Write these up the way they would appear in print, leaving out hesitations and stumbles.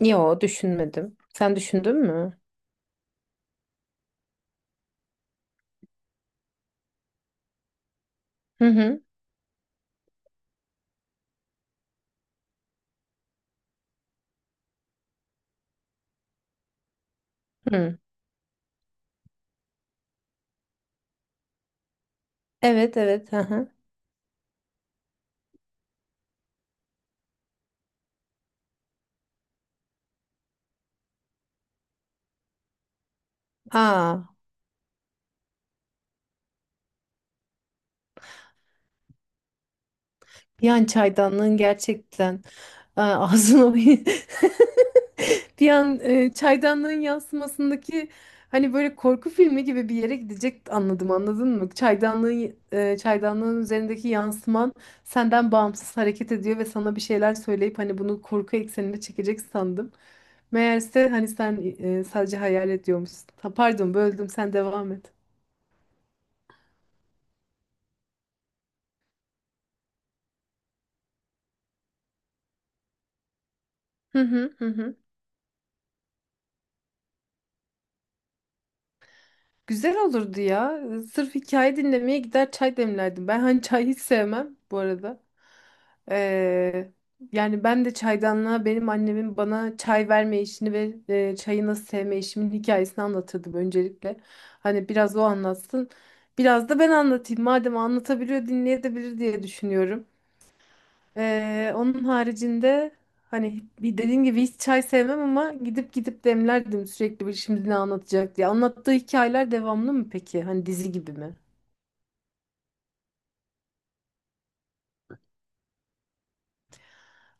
Yo, düşünmedim. Sen düşündün mü? Hı hı. Hı. Evet, evet. Hı hı. Aa. Yani çaydanlığın gerçekten... Aa, ağzına bir bir an çaydanlığın yansımasındaki hani böyle korku filmi gibi bir yere gidecek, anladım, anladın mı? Çaydanlığın üzerindeki yansıman senden bağımsız hareket ediyor ve sana bir şeyler söyleyip hani bunu korku eksenine çekecek sandım. Meğerse hani sen sadece hayal ediyormuşsun. Ha, pardon böldüm, sen devam et. Hı hı hı. Hı. Güzel olurdu ya. Sırf hikaye dinlemeye gider, çay demlerdim. Ben hani çay hiç sevmem bu arada. Ee, Yani ben de çaydanlığa benim annemin bana çay verme işini ve çayı nasıl sevme işimin hikayesini anlatırdım öncelikle. Hani biraz o anlatsın. Biraz da ben anlatayım. Madem anlatabiliyor, dinleyebilir diye düşünüyorum. Onun haricinde hani bir dediğim gibi hiç çay sevmem ama gidip gidip demlerdim sürekli, bir şimdi ne anlatacak diye. Anlattığı hikayeler devamlı mı peki? Hani dizi gibi mi?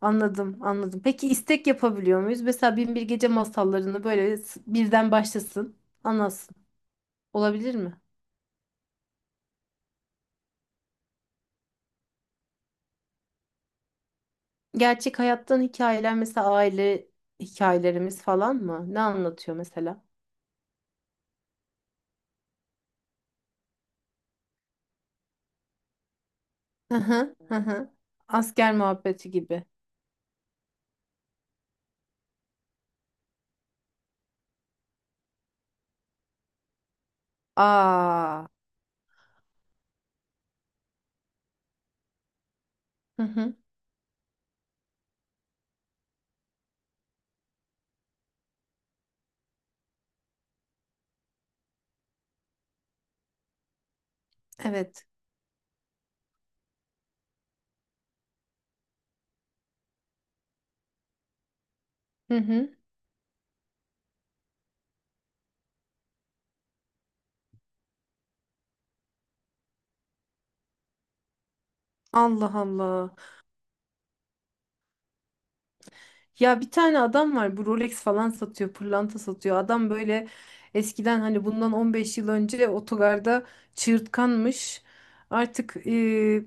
Anladım, anladım. Peki istek yapabiliyor muyuz? Mesela Bin Bir Gece masallarını böyle birden başlasın, anlatsın. Olabilir mi? Gerçek hayattan hikayeler, mesela aile hikayelerimiz falan mı? Ne anlatıyor mesela? Hı hı, hı hı. Asker muhabbeti gibi. Aa. Hı hı. Evet. Hı hı. Allah Allah. Ya bir tane adam var, bu Rolex falan satıyor, pırlanta satıyor. Adam böyle eskiden, hani bundan 15 yıl önce otogarda çığırtkanmış. Artık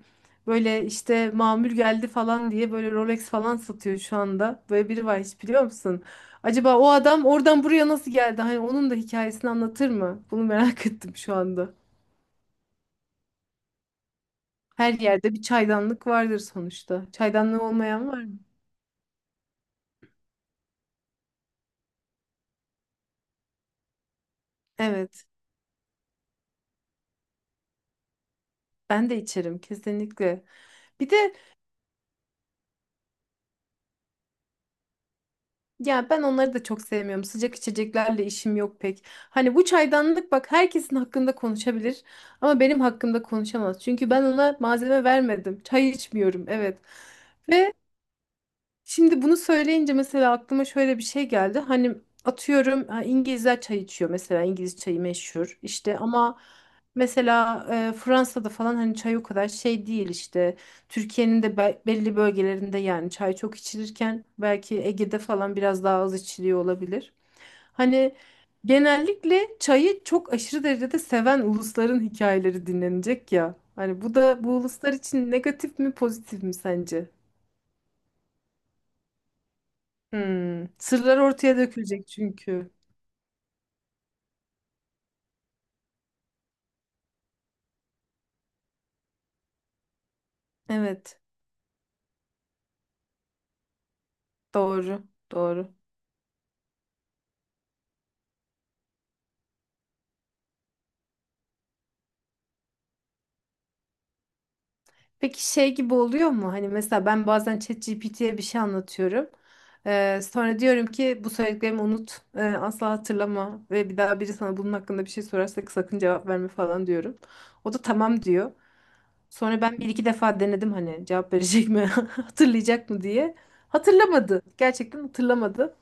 böyle işte mamul geldi falan diye böyle Rolex falan satıyor şu anda. Böyle biri var, hiç biliyor musun? Acaba o adam oradan buraya nasıl geldi? Hani onun da hikayesini anlatır mı? Bunu merak ettim şu anda. Her yerde bir çaydanlık vardır sonuçta. Çaydanlığı olmayan var mı? Evet, ben de içerim kesinlikle. Bir de ya, ben onları da çok sevmiyorum. Sıcak içeceklerle işim yok pek. Hani bu çaydanlık bak, herkesin hakkında konuşabilir ama benim hakkımda konuşamaz. Çünkü ben ona malzeme vermedim. Çay içmiyorum, evet. Ve şimdi bunu söyleyince mesela aklıma şöyle bir şey geldi. Hani atıyorum ha, İngilizler çay içiyor, mesela İngiliz çayı meşhur işte ama mesela Fransa'da falan hani çay o kadar şey değil işte. Türkiye'nin de belli bölgelerinde yani çay çok içilirken belki Ege'de falan biraz daha az içiliyor olabilir. Hani genellikle çayı çok aşırı derecede seven ulusların hikayeleri dinlenecek ya. Hani bu da bu uluslar için negatif mi pozitif mi sence? Hmm. Sırlar ortaya dökülecek çünkü. Evet. Doğru. Doğru. Peki şey gibi oluyor mu? Hani mesela ben bazen ChatGPT'ye bir şey anlatıyorum. Sonra diyorum ki bu söylediklerimi unut. Asla hatırlama. Ve bir daha biri sana bunun hakkında bir şey sorarsa sakın cevap verme falan diyorum. O da tamam diyor. Sonra ben bir iki defa denedim, hani cevap verecek mi? Hatırlayacak mı diye. Hatırlamadı. Gerçekten hatırlamadı.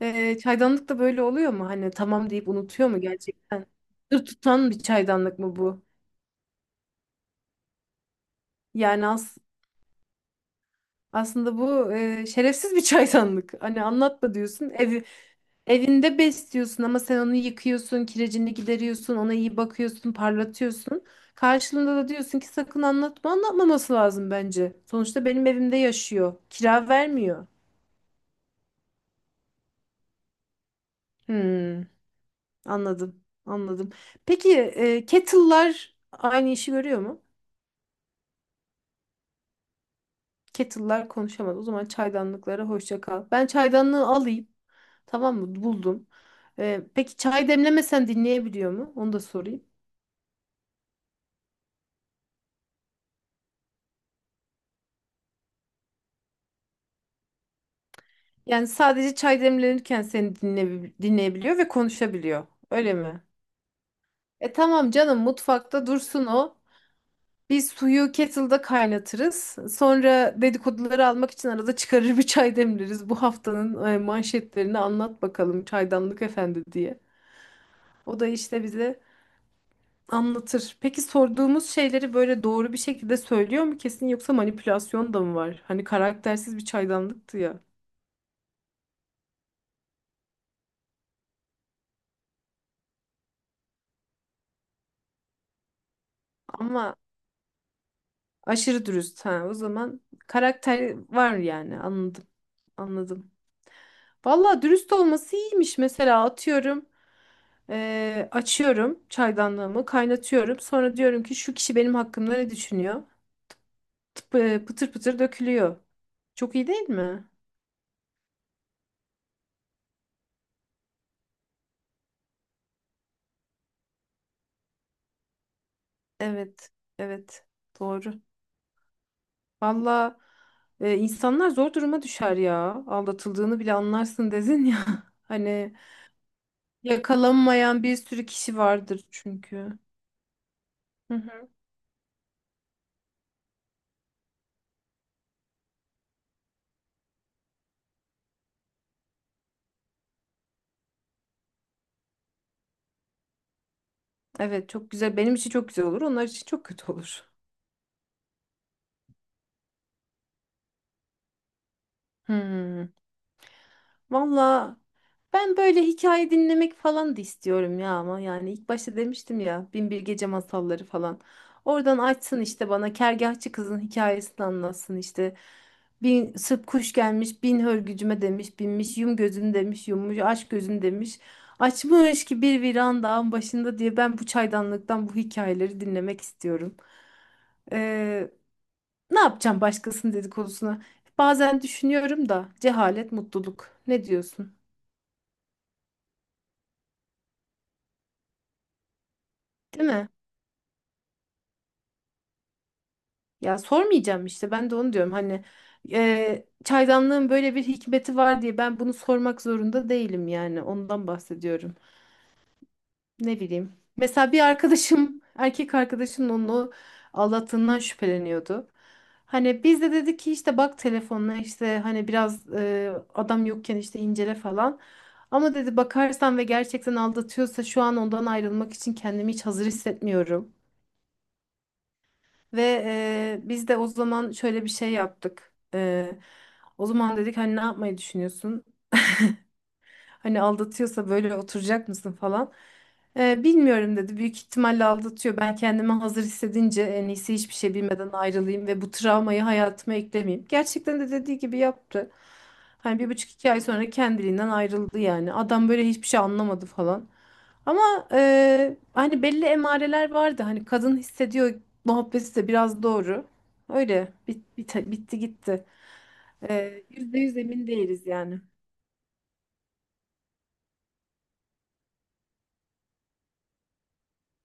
Çaydanlık da böyle oluyor mu? Hani tamam deyip unutuyor mu gerçekten? Sır tutan bir çaydanlık mı bu? Yani aslında bu şerefsiz bir çaydanlık. Hani anlatma diyorsun. Evinde besliyorsun ama sen onu yıkıyorsun, kirecini gideriyorsun, ona iyi bakıyorsun, parlatıyorsun. Karşılığında da diyorsun ki sakın anlatma. Anlatmaması lazım bence. Sonuçta benim evimde yaşıyor. Kira vermiyor. Hmm, Anladım. Anladım. Peki kettle'lar aynı işi görüyor mu? Kettle'lar konuşamaz. O zaman çaydanlıklara hoşça kal. Ben çaydanlığı alayım. Tamam mı? Buldum. Peki çay demlemesen dinleyebiliyor mu? Onu da sorayım. Yani sadece çay demlenirken seni dinle, dinleyebiliyor ve konuşabiliyor. Öyle mi? E tamam canım, mutfakta dursun o. Biz suyu kettle'da kaynatırız. Sonra dedikoduları almak için arada çıkarır bir çay demleriz. Bu haftanın manşetlerini anlat bakalım çaydanlık efendi diye. O da işte bize anlatır. Peki sorduğumuz şeyleri böyle doğru bir şekilde söylüyor mu kesin, yoksa manipülasyon da mı var? Hani karaktersiz bir çaydanlıktı ya. Ama aşırı dürüst ha. O zaman karakter var yani. Anladım. Anladım. Valla dürüst olması iyiymiş. Mesela atıyorum, açıyorum çaydanlığımı, kaynatıyorum. Sonra diyorum ki şu kişi benim hakkımda ne düşünüyor? Pıtır pıtır dökülüyor. Çok iyi değil mi? Evet. Evet. Doğru. Valla insanlar zor duruma düşer ya. Aldatıldığını bile anlarsın dedin ya. Hani yakalanmayan bir sürü kişi vardır çünkü. Hı hı. Evet, çok güzel. Benim için çok güzel olur. Onlar için çok kötü olur. Hmm. Valla ben böyle hikaye dinlemek falan da istiyorum ya, ama yani ilk başta demiştim ya, Bin Bir Gece masalları falan. Oradan açsın işte, bana kergahçı kızın hikayesini anlatsın işte. Bin Sırp kuş gelmiş bin hörgücüme demiş, binmiş, yum gözünü demiş, yummuş, aç gözünü demiş. Açmış ki bir viran dağın başında diye, ben bu çaydanlıktan bu hikayeleri dinlemek istiyorum. Ee, Ne yapacağım başkasının dedikodusuna? Bazen düşünüyorum da, cehalet mutluluk. Ne diyorsun? Değil mi? Ya sormayacağım işte, ben de onu diyorum, hani çaydanlığın böyle bir hikmeti var diye ben bunu sormak zorunda değilim, yani ondan bahsediyorum. Ne bileyim. Mesela bir arkadaşım erkek arkadaşım onu aldattığından şüpheleniyordu. Hani biz de dedik ki işte bak, telefonla işte hani biraz adam yokken işte incele falan. Ama dedi, bakarsan ve gerçekten aldatıyorsa şu an ondan ayrılmak için kendimi hiç hazır hissetmiyorum. Ve biz de o zaman şöyle bir şey yaptık. O zaman dedik, hani ne yapmayı düşünüyorsun? Hani aldatıyorsa böyle oturacak mısın falan. Bilmiyorum dedi. Büyük ihtimalle aldatıyor. Ben kendimi hazır hissedince en iyisi hiçbir şey bilmeden ayrılayım ve bu travmayı hayatıma eklemeyeyim. Gerçekten de dediği gibi yaptı. Hani bir buçuk iki ay sonra kendiliğinden ayrıldı yani. Adam böyle hiçbir şey anlamadı falan. Ama hani belli emareler vardı. Hani kadın hissediyor muhabbeti de biraz doğru. Öyle bitti gitti. Yüzde yüz emin değiliz yani.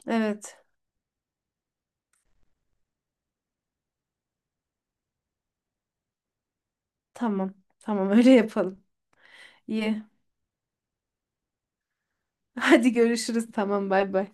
Evet. Tamam. Tamam öyle yapalım. İyi. Hadi görüşürüz. Tamam, bay bay.